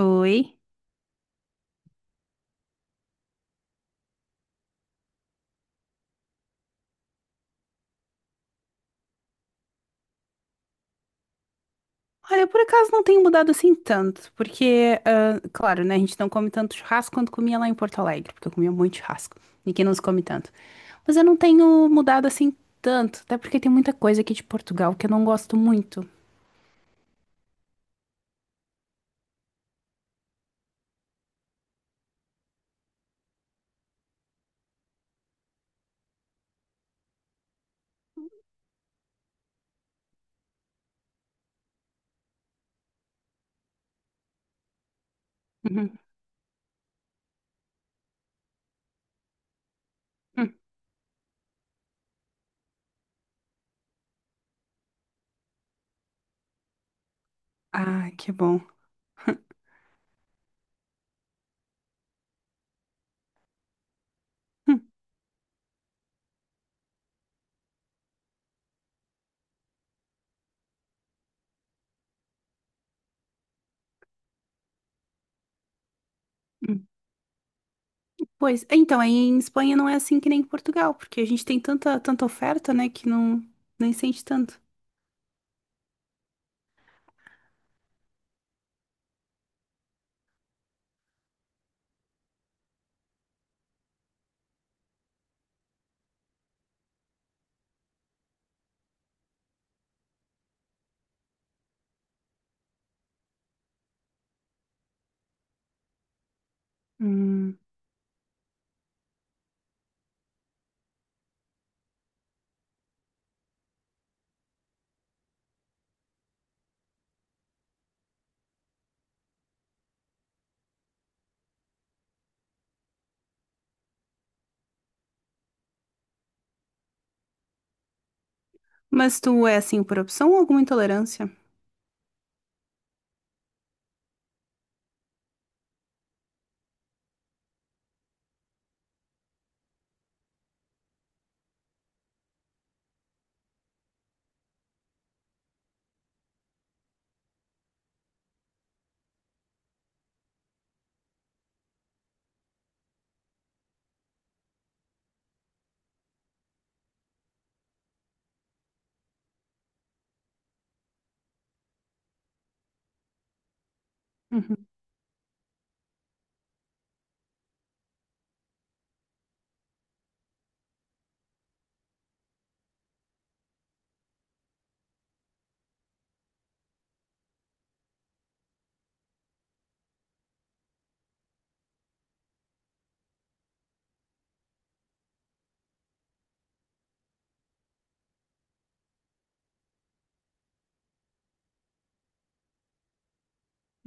Oi. Olha, eu por acaso não tenho mudado assim tanto, porque, ah, claro, né, a gente não come tanto churrasco quanto comia lá em Porto Alegre, porque eu comia muito churrasco, e que não nos come tanto. Mas eu não tenho mudado assim tanto, até porque tem muita coisa aqui de Portugal que eu não gosto muito. Uhum. Hum. Ah, que bom. Hum, hum. Pois, então, aí em Espanha não é assim que nem em Portugal, porque a gente tem tanta, tanta oferta, né, que não, nem sente tanto. Hum. Mas tu é assim por opção ou alguma intolerância? Uhum,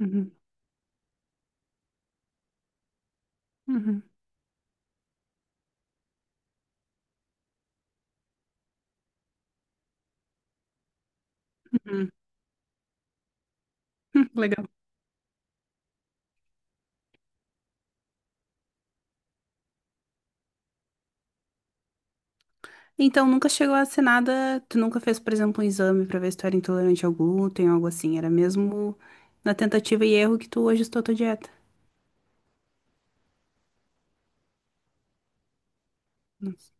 uhum, uhum. Hum, legal. Então, nunca chegou a ser nada. Tu nunca fez, por exemplo, um exame pra ver se tu era intolerante ao glúten, ou algo assim. Era mesmo na tentativa e erro que tu ajustou a tua dieta. Nossa.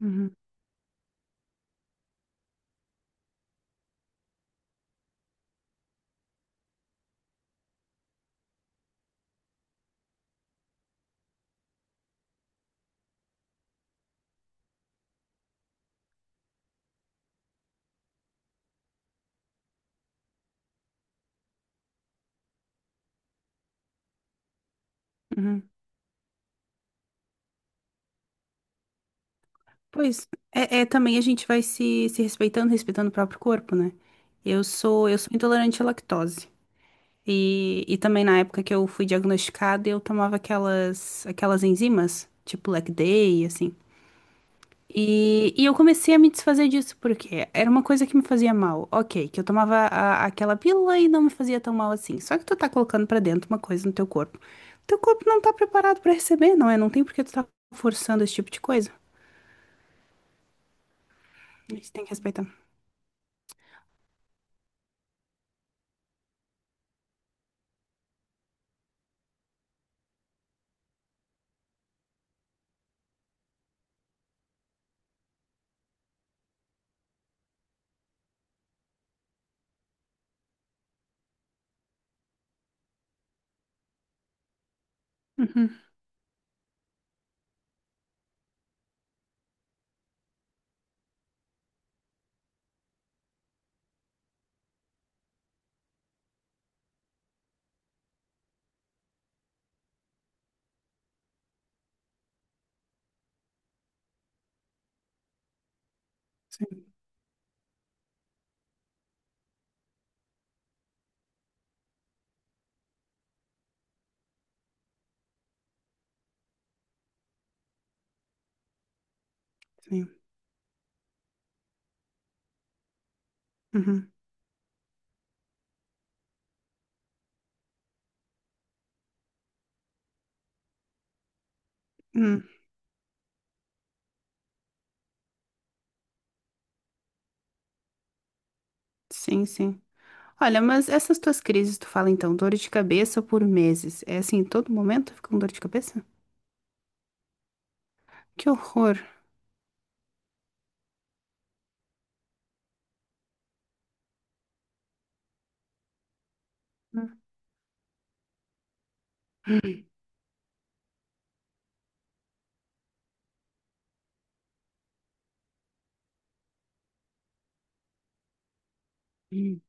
Uhum, uhum. Pois, é também a gente vai se respeitando, respeitando o próprio corpo, né? Eu sou intolerante à lactose. E também na época que eu fui diagnosticada, eu tomava aquelas enzimas, tipo Lec Day, assim. E eu comecei a me desfazer disso, porque era uma coisa que me fazia mal. Ok, que eu tomava aquela pílula e não me fazia tão mal assim. Só que tu tá colocando pra dentro uma coisa no teu corpo. Teu corpo não tá preparado pra receber, não é? Não tem por que tu tá forçando esse tipo de coisa. A gente tem que respeitar. Uhum, sim, sim. Uhum, hum, sim, sim. Olha, mas essas tuas crises, tu fala então, dor de cabeça por meses. É assim, todo momento tu fica com dor de cabeça? Que horror. Hum.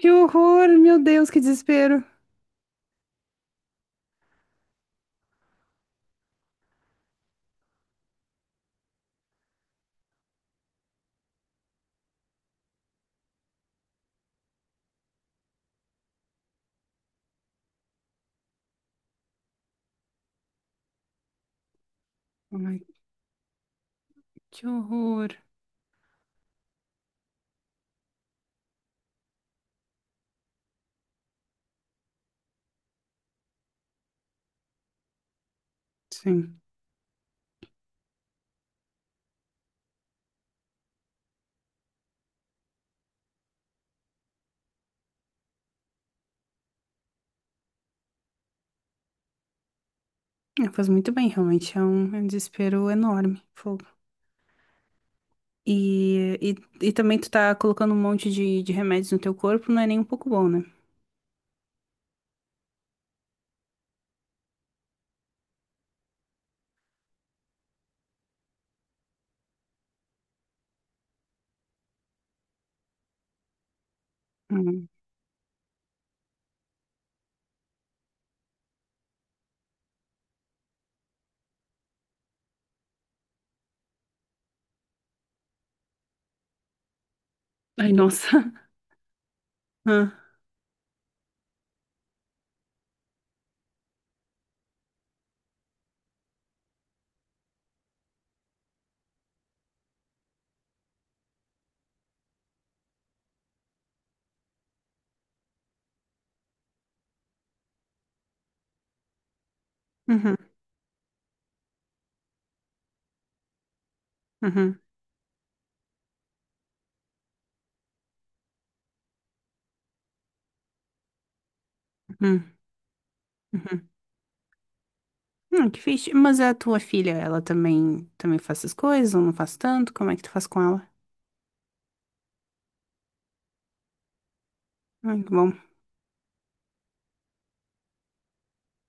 Que horror, meu Deus, que desespero. Ai, que horror. Sim. É, faz muito bem, realmente. É um desespero enorme. Fogo. E, e, e também tu tá colocando um monte de remédios no teu corpo, não é nem um pouco bom, né? Hum. Ai, nossa. Ah, uhum, uhum, uhum, uhum. Que fixe. Mas a tua filha, ela também, também faz essas coisas, ou não faz tanto? Como é que tu faz com ela? Ai, que bom.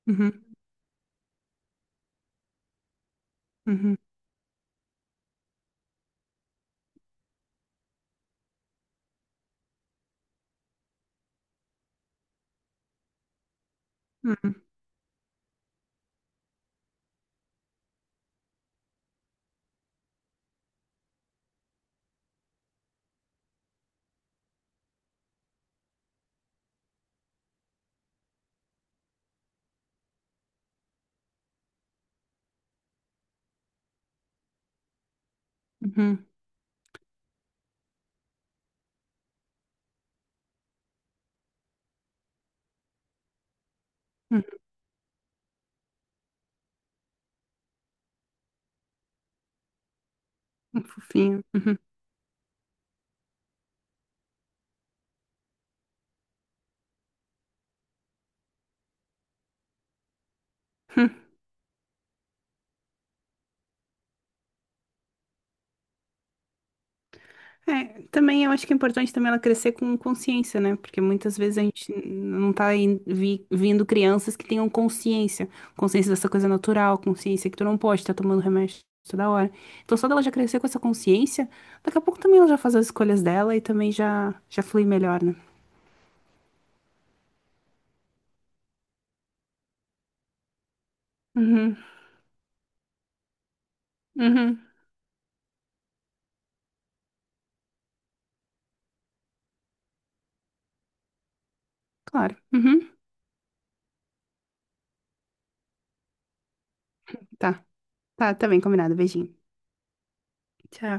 Uhum, uhum, uhum, uhum, uhum. Um fofinho. Uhum. É, também eu acho que é importante também ela crescer com consciência, né? Porque muitas vezes a gente não tá vindo crianças que tenham consciência, consciência dessa coisa natural, consciência que tu não pode estar tomando remédio toda hora. Então só dela já crescer com essa consciência, daqui a pouco também ela já faz as escolhas dela e também já já flui melhor, né? Uhum, uhum, claro. Uhum. Tá, tá, tá bem combinado. Beijinho. Tchau.